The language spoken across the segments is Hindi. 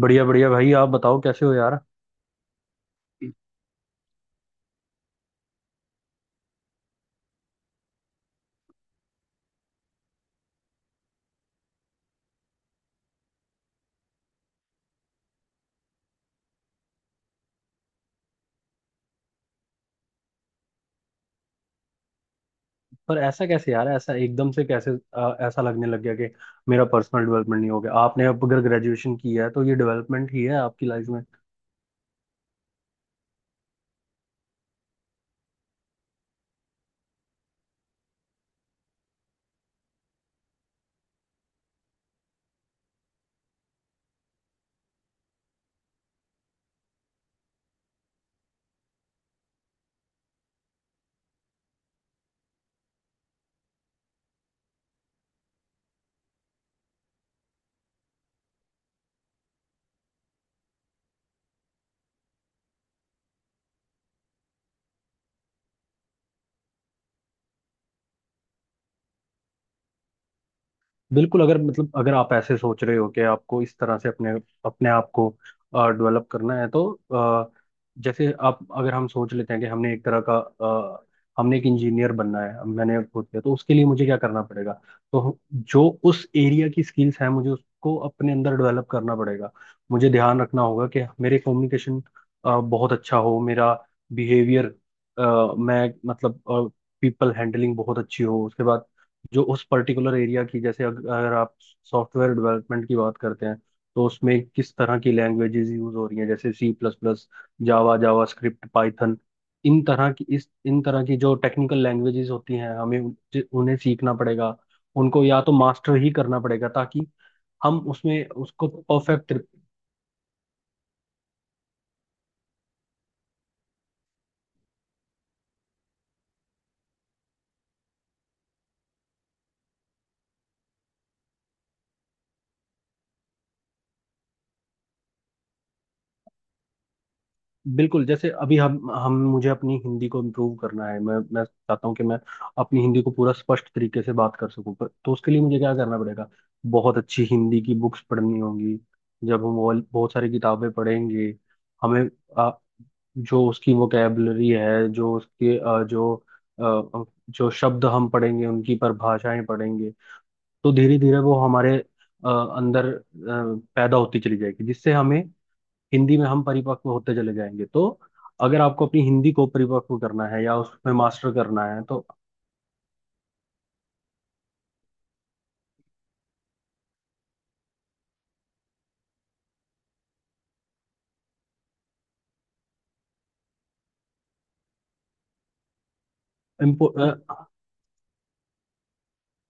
बढ़िया बढ़िया भाई, आप बताओ कैसे हो यार। पर ऐसा कैसे यार? ऐसा एकदम से कैसे ऐसा लगने लग गया कि मेरा पर्सनल डेवलपमेंट नहीं हो गया आपने? अब अगर ग्रेजुएशन किया है तो ये डेवलपमेंट ही है आपकी लाइफ। बिल्कुल, अगर मतलब अगर आप ऐसे सोच रहे हो कि आपको इस तरह से अपने अपने आप को डेवलप करना है तो अ, जैसे आप, अगर हम सोच लेते हैं कि हमने एक तरह का हमने एक इंजीनियर बनना है, अब मैंने खुद किया, तो उसके लिए मुझे क्या करना पड़ेगा? तो जो उस एरिया की स्किल्स हैं, मुझे उसको अपने अंदर डेवलप करना पड़ेगा। मुझे ध्यान रखना होगा कि मेरे कम्युनिकेशन बहुत अच्छा हो, मेरा बिहेवियर, मैं मतलब पीपल हैंडलिंग बहुत अच्छी हो। उसके बाद, जो उस पर्टिकुलर एरिया की, जैसे अगर आप सॉफ्टवेयर डेवलपमेंट की बात करते हैं तो उसमें किस तरह की लैंग्वेजेस यूज हो रही हैं, जैसे C plus plus, Java, JavaScript, Python. इन तरह की जो टेक्निकल लैंग्वेजेस होती हैं हमें उन्हें सीखना पड़ेगा। उनको या तो मास्टर ही करना पड़ेगा ताकि हम उसमें उसको परफेक्ट। बिल्कुल, जैसे अभी हम मुझे अपनी हिंदी को इम्प्रूव करना है। मैं चाहता हूँ कि मैं अपनी हिंदी को पूरा स्पष्ट तरीके से बात कर सकूँ, पर तो उसके लिए मुझे क्या करना पड़ेगा? बहुत अच्छी हिंदी की बुक्स पढ़नी होंगी। जब हम वो बहुत सारी किताबें पढ़ेंगे, हमें आ, जो उसकी वोकेबलरी है, जो उसके आ, जो शब्द हम पढ़ेंगे, उनकी परिभाषाएं पढ़ेंगे, तो धीरे धीरे वो हमारे आ, अंदर पैदा होती चली जाएगी, जिससे हमें हिंदी में हम परिपक्व होते चले जाएंगे। तो अगर आपको अपनी हिंदी को परिपक्व करना है या उसमें मास्टर करना है तो।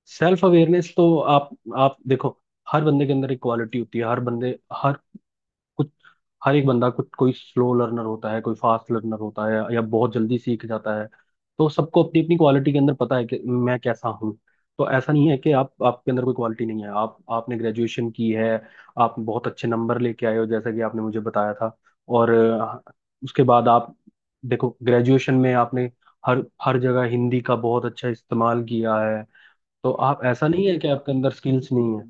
सेल्फ अवेयरनेस तो, आप आप देखो, हर बंदे के अंदर एक क्वालिटी होती है। कुछ हर एक बंदा कुछ, कोई स्लो लर्नर होता है, कोई फास्ट लर्नर होता है, या बहुत जल्दी सीख जाता है। तो सबको अपनी अपनी क्वालिटी के अंदर पता है कि मैं कैसा हूँ। तो ऐसा नहीं है कि आप आपके अंदर कोई क्वालिटी नहीं है। आप आपने ग्रेजुएशन की है, आप बहुत अच्छे नंबर लेके आए हो, जैसा कि आपने मुझे बताया था। और उसके बाद आप देखो, ग्रेजुएशन में आपने हर हर जगह हिंदी का बहुत अच्छा इस्तेमाल किया है। तो आप, ऐसा नहीं है कि आपके अंदर स्किल्स नहीं है।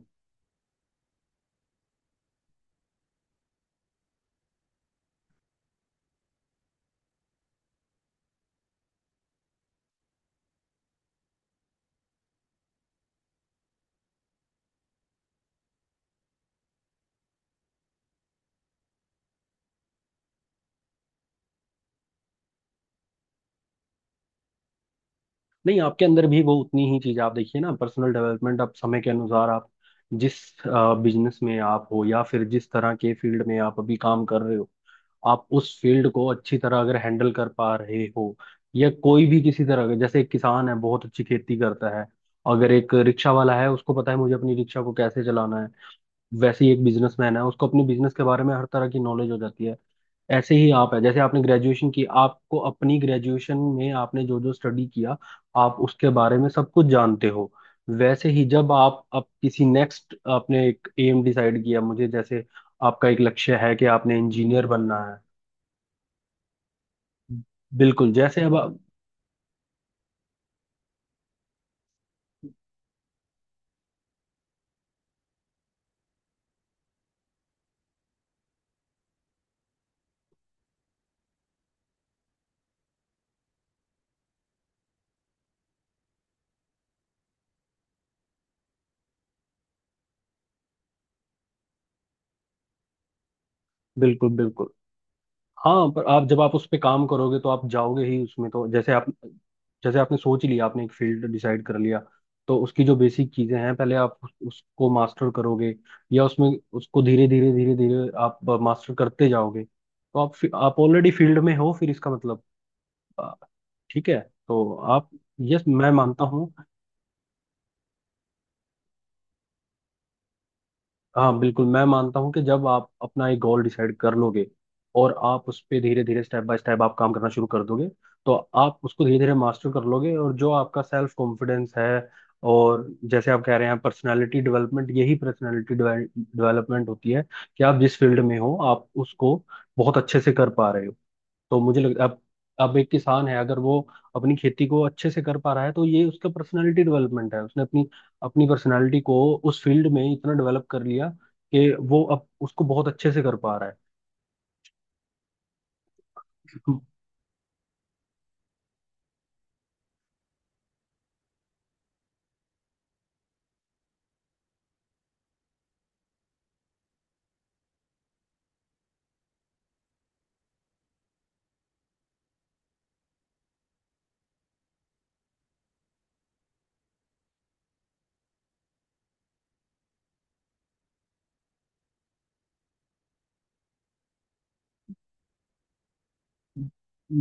नहीं, आपके अंदर भी वो उतनी ही चीज। आप देखिए ना, पर्सनल डेवलपमेंट आप समय के अनुसार, आप जिस बिजनेस में आप हो या फिर जिस तरह के फील्ड में आप अभी काम कर रहे हो, आप उस फील्ड को अच्छी तरह अगर हैंडल कर पा रहे हो, या कोई भी किसी तरह का, जैसे एक किसान है बहुत अच्छी खेती करता है, अगर एक रिक्शा वाला है उसको पता है मुझे अपनी रिक्शा को कैसे चलाना है, वैसे ही एक बिजनेसमैन है, उसको अपने बिजनेस के बारे में हर तरह की नॉलेज हो जाती है। ऐसे ही आप है, जैसे आपने ग्रेजुएशन की, आपको अपनी ग्रेजुएशन में आपने जो जो स्टडी किया आप उसके बारे में सब कुछ जानते हो। वैसे ही जब आप अब किसी नेक्स्ट, आपने एक एम डिसाइड किया, मुझे जैसे आपका एक लक्ष्य है कि आपने इंजीनियर बनना है। बिल्कुल, जैसे अब आप-। बिल्कुल बिल्कुल। हाँ, पर आप, जब आप उस पे काम करोगे तो आप जाओगे ही उसमें। तो जैसे आप, जैसे आपने सोच ही लिया, आपने एक फील्ड डिसाइड कर लिया, तो उसकी जो बेसिक चीजें हैं पहले आप उस, उसको मास्टर करोगे, या उसमें उसको धीरे धीरे धीरे धीरे आप मास्टर करते जाओगे, तो आप आप ऑलरेडी फील्ड में हो, फिर इसका मतलब आ, ठीक है। तो आप, यस, मैं मानता हूँ। हाँ बिल्कुल, मैं मानता हूँ कि जब आप अपना एक गोल डिसाइड कर लोगे, और आप उस पर धीरे धीरे स्टेप बाय स्टेप आप काम करना शुरू कर दोगे, तो आप उसको धीरे धीरे मास्टर कर लोगे, और जो आपका सेल्फ कॉन्फिडेंस है, और जैसे आप कह रहे हैं पर्सनालिटी डेवलपमेंट, यही पर्सनालिटी डेवलपमेंट होती है कि आप जिस फील्ड में हो आप उसको बहुत अच्छे से कर पा रहे हो। तो मुझे लग, अब एक किसान है, अगर वो अपनी खेती को अच्छे से कर पा रहा है तो ये उसका पर्सनालिटी डेवलपमेंट है। उसने अपनी अपनी पर्सनालिटी को उस फील्ड में इतना डेवलप कर लिया कि वो अब उसको बहुत अच्छे से कर पा रहा है।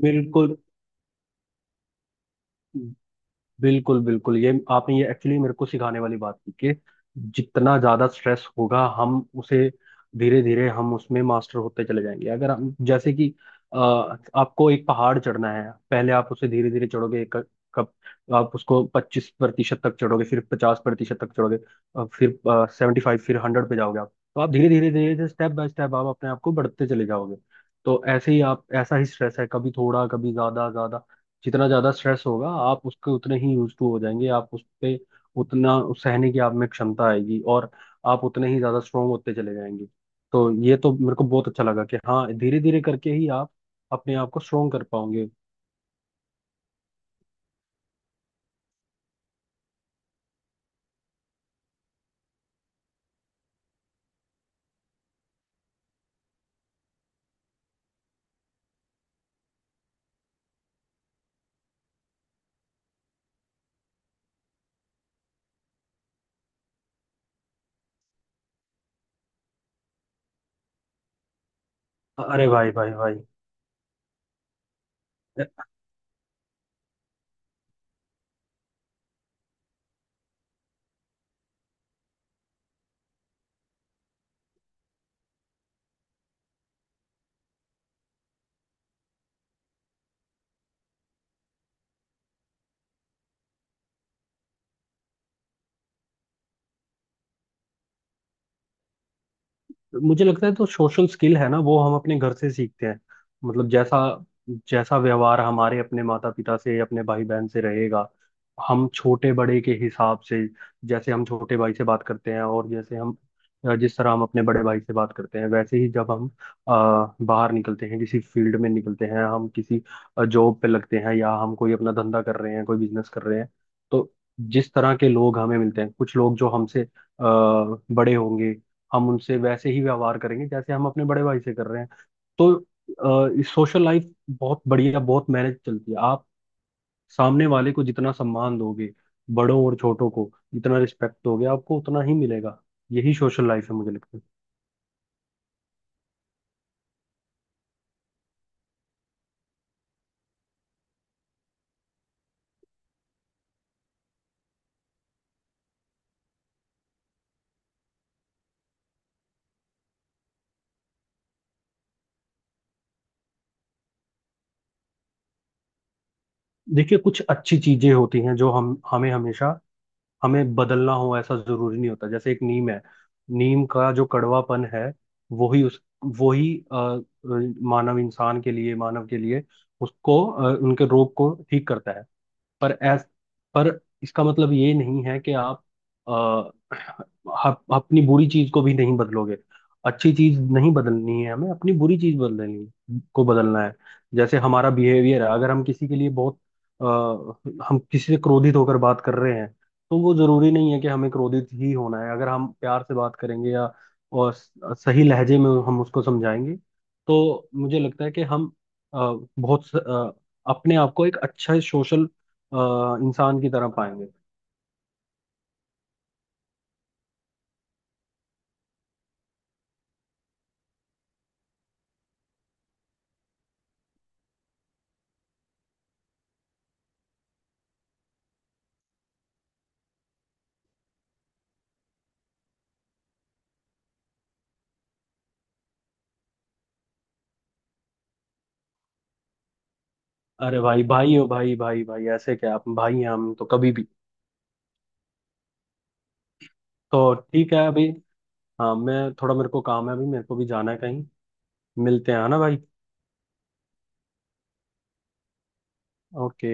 बिल्कुल बिल्कुल बिल्कुल, ये आपने ये एक्चुअली मेरे को सिखाने वाली बात की कि जितना ज्यादा स्ट्रेस होगा, हम उसे धीरे धीरे हम उसमें मास्टर होते चले जाएंगे। अगर हम, जैसे कि अ, आपको एक पहाड़ चढ़ना है, पहले आप उसे धीरे धीरे चढ़ोगे, एक कप, आप उसको 25% तक चढ़ोगे, फिर 50% तक चढ़ोगे, फिर 75, फिर 100 पे जाओगे। आप तो आप धीरे धीरे धीरे धीरे स्टेप बाय स्टेप आप अपने आप को बढ़ते चले जाओगे। तो ऐसे ही आप, ऐसा ही स्ट्रेस है, कभी थोड़ा, कभी ज्यादा ज्यादा। जितना ज्यादा स्ट्रेस होगा आप उसके उतने ही यूज टू हो जाएंगे, आप उस पे उतना, उस सहने की आप में क्षमता आएगी, और आप उतने ही ज्यादा स्ट्रोंग होते चले जाएंगे। तो ये तो मेरे को बहुत अच्छा लगा कि हाँ, धीरे धीरे करके ही आप अपने आप को स्ट्रोंग कर पाओगे। अरे भाई भाई भाई। मुझे लगता है, तो सोशल स्किल है ना, वो हम अपने घर से सीखते हैं। मतलब जैसा, जैसा व्यवहार हमारे अपने माता पिता से, अपने भाई बहन से रहेगा, हम छोटे बड़े के हिसाब से, जैसे हम छोटे भाई से बात करते हैं, और जैसे हम, जिस तरह हम अपने बड़े भाई से बात करते हैं, वैसे ही जब हम बाहर निकलते हैं, किसी फील्ड में निकलते हैं, हम किसी जॉब पे लगते हैं, या हम कोई अपना धंधा कर रहे हैं, कोई बिजनेस कर रहे हैं, तो जिस तरह के लोग हमें मिलते हैं, कुछ लोग जो हमसे बड़े होंगे, हम उनसे वैसे ही व्यवहार करेंगे जैसे हम अपने बड़े भाई से कर रहे हैं। तो सोशल लाइफ बहुत बढ़िया, बहुत मैनेज चलती है। आप सामने वाले को जितना सम्मान दोगे, बड़ों और छोटों को जितना रिस्पेक्ट दोगे, आपको उतना ही मिलेगा। यही सोशल लाइफ है, मुझे लगता है। देखिए, कुछ अच्छी चीजें होती हैं जो हम, हमें हमेशा हमें बदलना हो ऐसा जरूरी नहीं होता। जैसे एक नीम है, नीम का जो कड़वापन है, वही उस, वही मानव, इंसान के लिए, मानव के लिए उसको, उनके रोग को ठीक करता है। पर एस पर इसका मतलब ये नहीं है कि आप आ, अपनी बुरी चीज को भी नहीं बदलोगे। अच्छी चीज नहीं बदलनी है हमें, अपनी बुरी चीज, बदलनी को बदलना है। जैसे हमारा बिहेवियर है, अगर हम किसी के लिए बहुत आ, हम किसी से क्रोधित होकर बात कर रहे हैं, तो वो जरूरी नहीं है कि हमें क्रोधित ही होना है। अगर हम प्यार से बात करेंगे, या और सही लहजे में हम उसको समझाएंगे, तो मुझे लगता है कि हम अ, बहुत अपने आप को एक अच्छा सोशल अ, इंसान की तरह पाएंगे। अरे भाई भाई हो, भाई भाई भाई, ऐसे क्या? आप भाई हैं, हम तो कभी भी। तो ठीक है अभी। हाँ, मैं थोड़ा, मेरे को काम है, अभी मेरे को भी जाना है कहीं। मिलते हैं, है ना भाई? ओके।